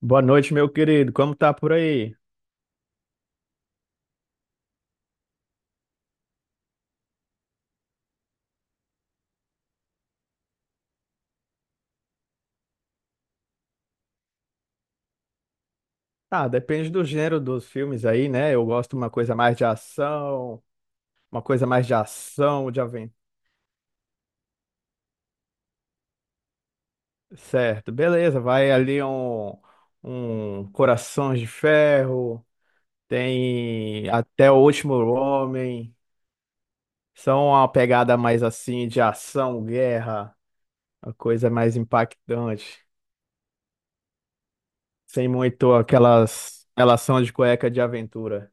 Boa noite, meu querido. Como tá por aí? Ah, depende do gênero dos filmes aí, né? Eu gosto de uma coisa mais de ação, de aventura. Certo, beleza. Vai ali um Corações de Ferro, tem até o Último Homem. São uma pegada mais assim de ação, guerra, uma coisa mais impactante, sem muito aquelas relação de cueca de aventura.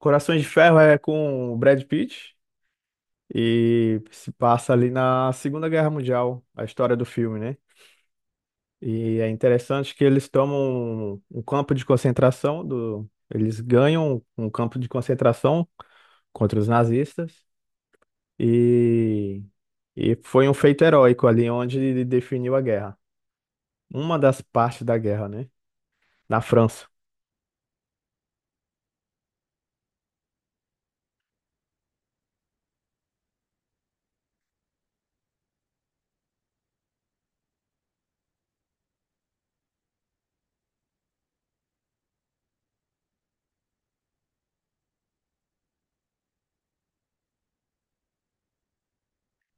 Corações de Ferro é com o Brad Pitt e se passa ali na Segunda Guerra Mundial, a história do filme, né? E é interessante que eles tomam um campo de concentração eles ganham um campo de concentração contra os nazistas e foi um feito heróico ali onde ele definiu a guerra. Uma das partes da guerra, né? Na França.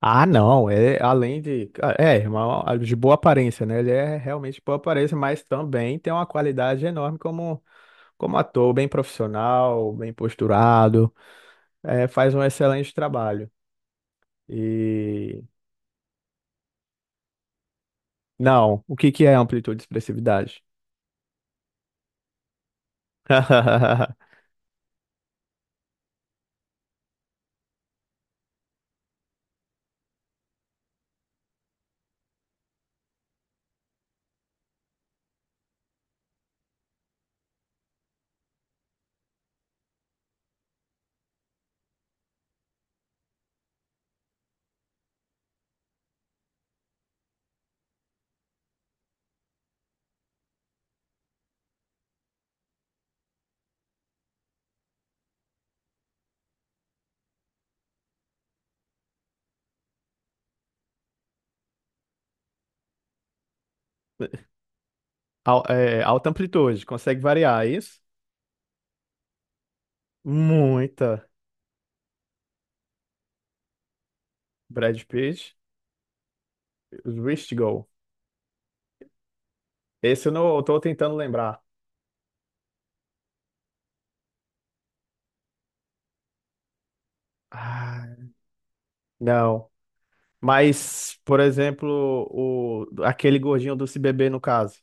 Ah, não, é além de. É, de boa aparência, né? Ele é realmente boa aparência, mas também tem uma qualidade enorme como ator, bem profissional, bem posturado, é, faz um excelente trabalho. E não, o que que é amplitude e expressividade? É, alta amplitude, consegue variar, é isso? Muita. Brad Pitt, Rich Go. Esse eu não eu tô tentando lembrar. Ah, não. Mas, por exemplo, o, aquele gordinho do Se Beber, no caso.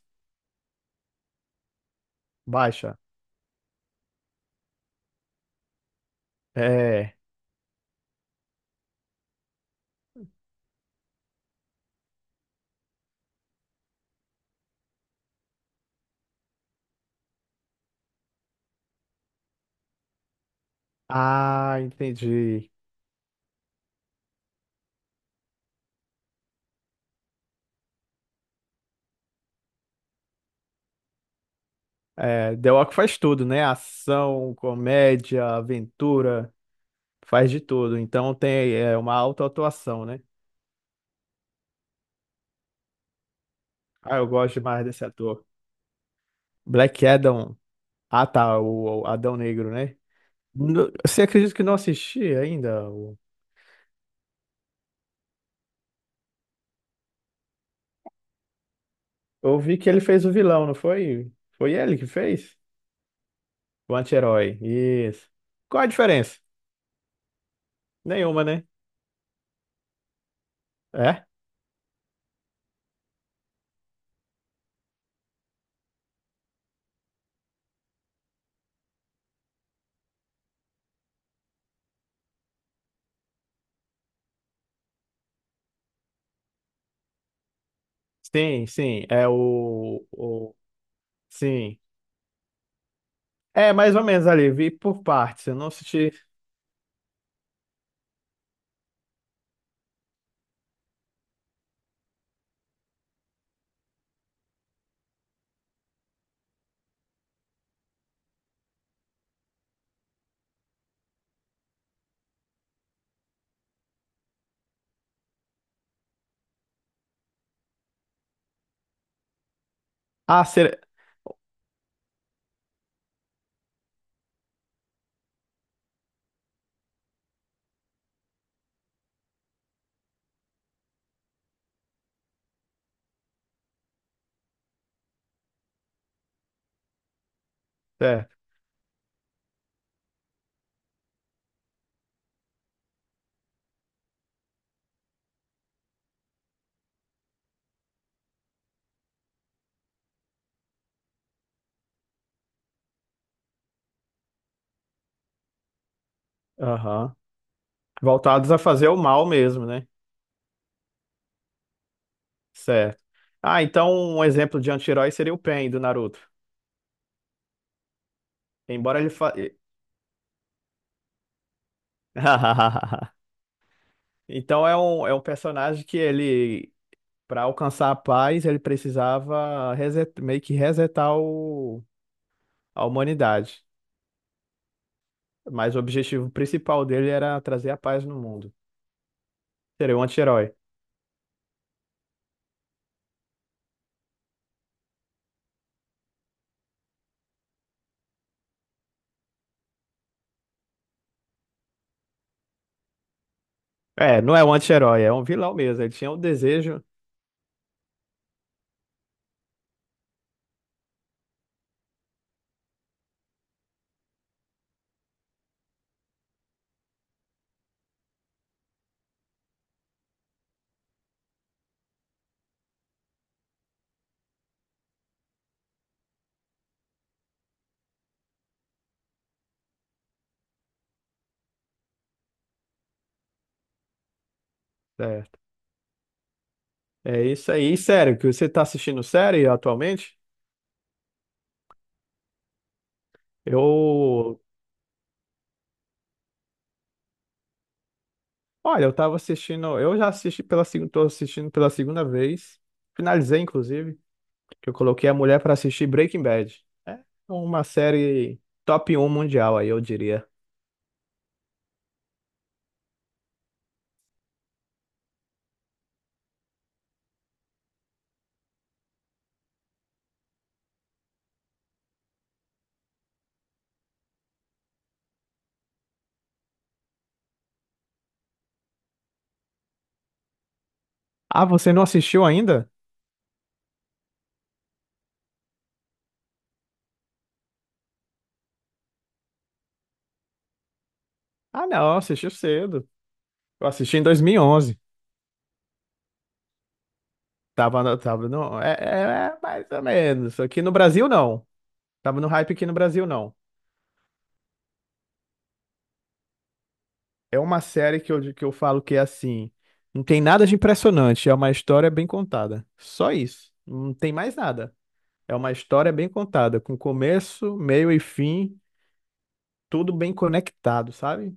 Baixa. É. Ah, entendi. É, The Rock faz tudo, né? Ação, comédia, aventura, faz de tudo. Então tem é, uma alta atuação, né? Ah, eu gosto demais desse ator. Black Adam. Ah, tá, o Adão Negro, né? Você acredita que não assisti ainda? Eu vi que ele fez o vilão, não foi? Foi ele que fez? O anti-herói. Isso. Qual a diferença? Nenhuma, né? É? Sim, sim. É o. Sim. É, mais ou menos ali, vi por partes. Eu não assisti. Ah, ser... Certo. Aham. Voltados a fazer o mal mesmo, né? Certo. Ah, então um exemplo de anti-herói seria o Pain do Naruto. Embora ele fa... Então é um personagem que ele, para alcançar a paz, ele precisava meio que resetar o... a humanidade. Mas o objetivo principal dele era trazer a paz no mundo. Seria um anti-herói. É, não é um anti-herói, é um vilão mesmo. Ele tinha o desejo. é, É isso aí. E sério, que você tá assistindo série atualmente? Eu, olha, eu tava assistindo, eu já assisti pela segunda, tô assistindo pela segunda vez. Finalizei, inclusive, que eu coloquei a mulher pra assistir Breaking Bad. É uma série top um mundial aí, eu diria. Ah, você não assistiu ainda? Ah, não, assistiu cedo. Eu assisti em 2011. Tava no, é, é, é mais ou menos. Aqui no Brasil, não. Tava no hype aqui no Brasil, não. É uma série que eu falo que é assim, não tem nada de impressionante, é uma história bem contada. Só isso, não tem mais nada. É uma história bem contada, com começo, meio e fim, tudo bem conectado, sabe?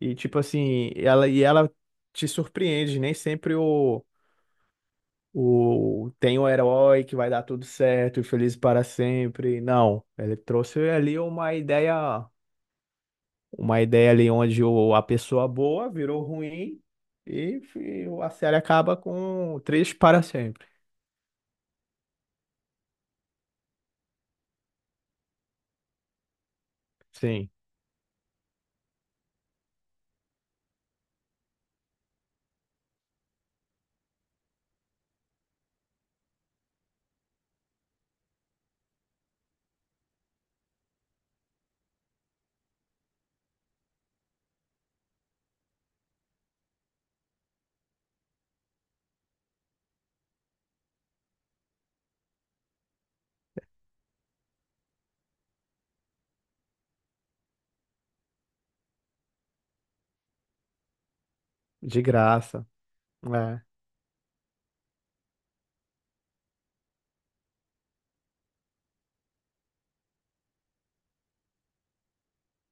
E tipo assim, ela te surpreende, nem sempre o tem o herói que vai dar tudo certo e feliz para sempre. Não, ele trouxe ali uma ideia, ali onde a pessoa boa virou ruim e a série acaba com três para sempre. Sim, de graça. É.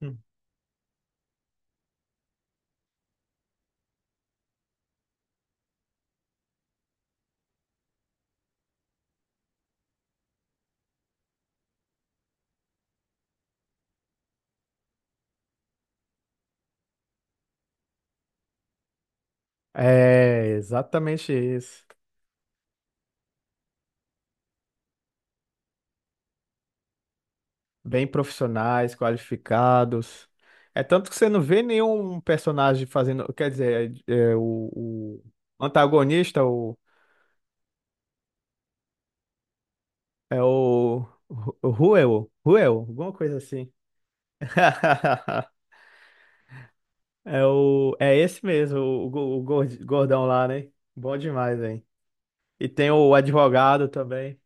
Hum. É exatamente isso. Bem profissionais, qualificados. É tanto que você não vê nenhum personagem fazendo. Quer dizer, o antagonista, o, é o. o Ruel, alguma coisa assim. É, o, é esse mesmo, o gordão lá, né? Bom demais, hein? E tem o advogado também.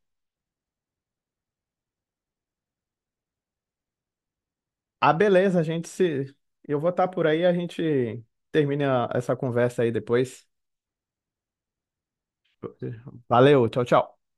Ah, beleza, a gente se. Eu vou estar por aí, a gente termina essa conversa aí depois. Valeu, tchau, tchau.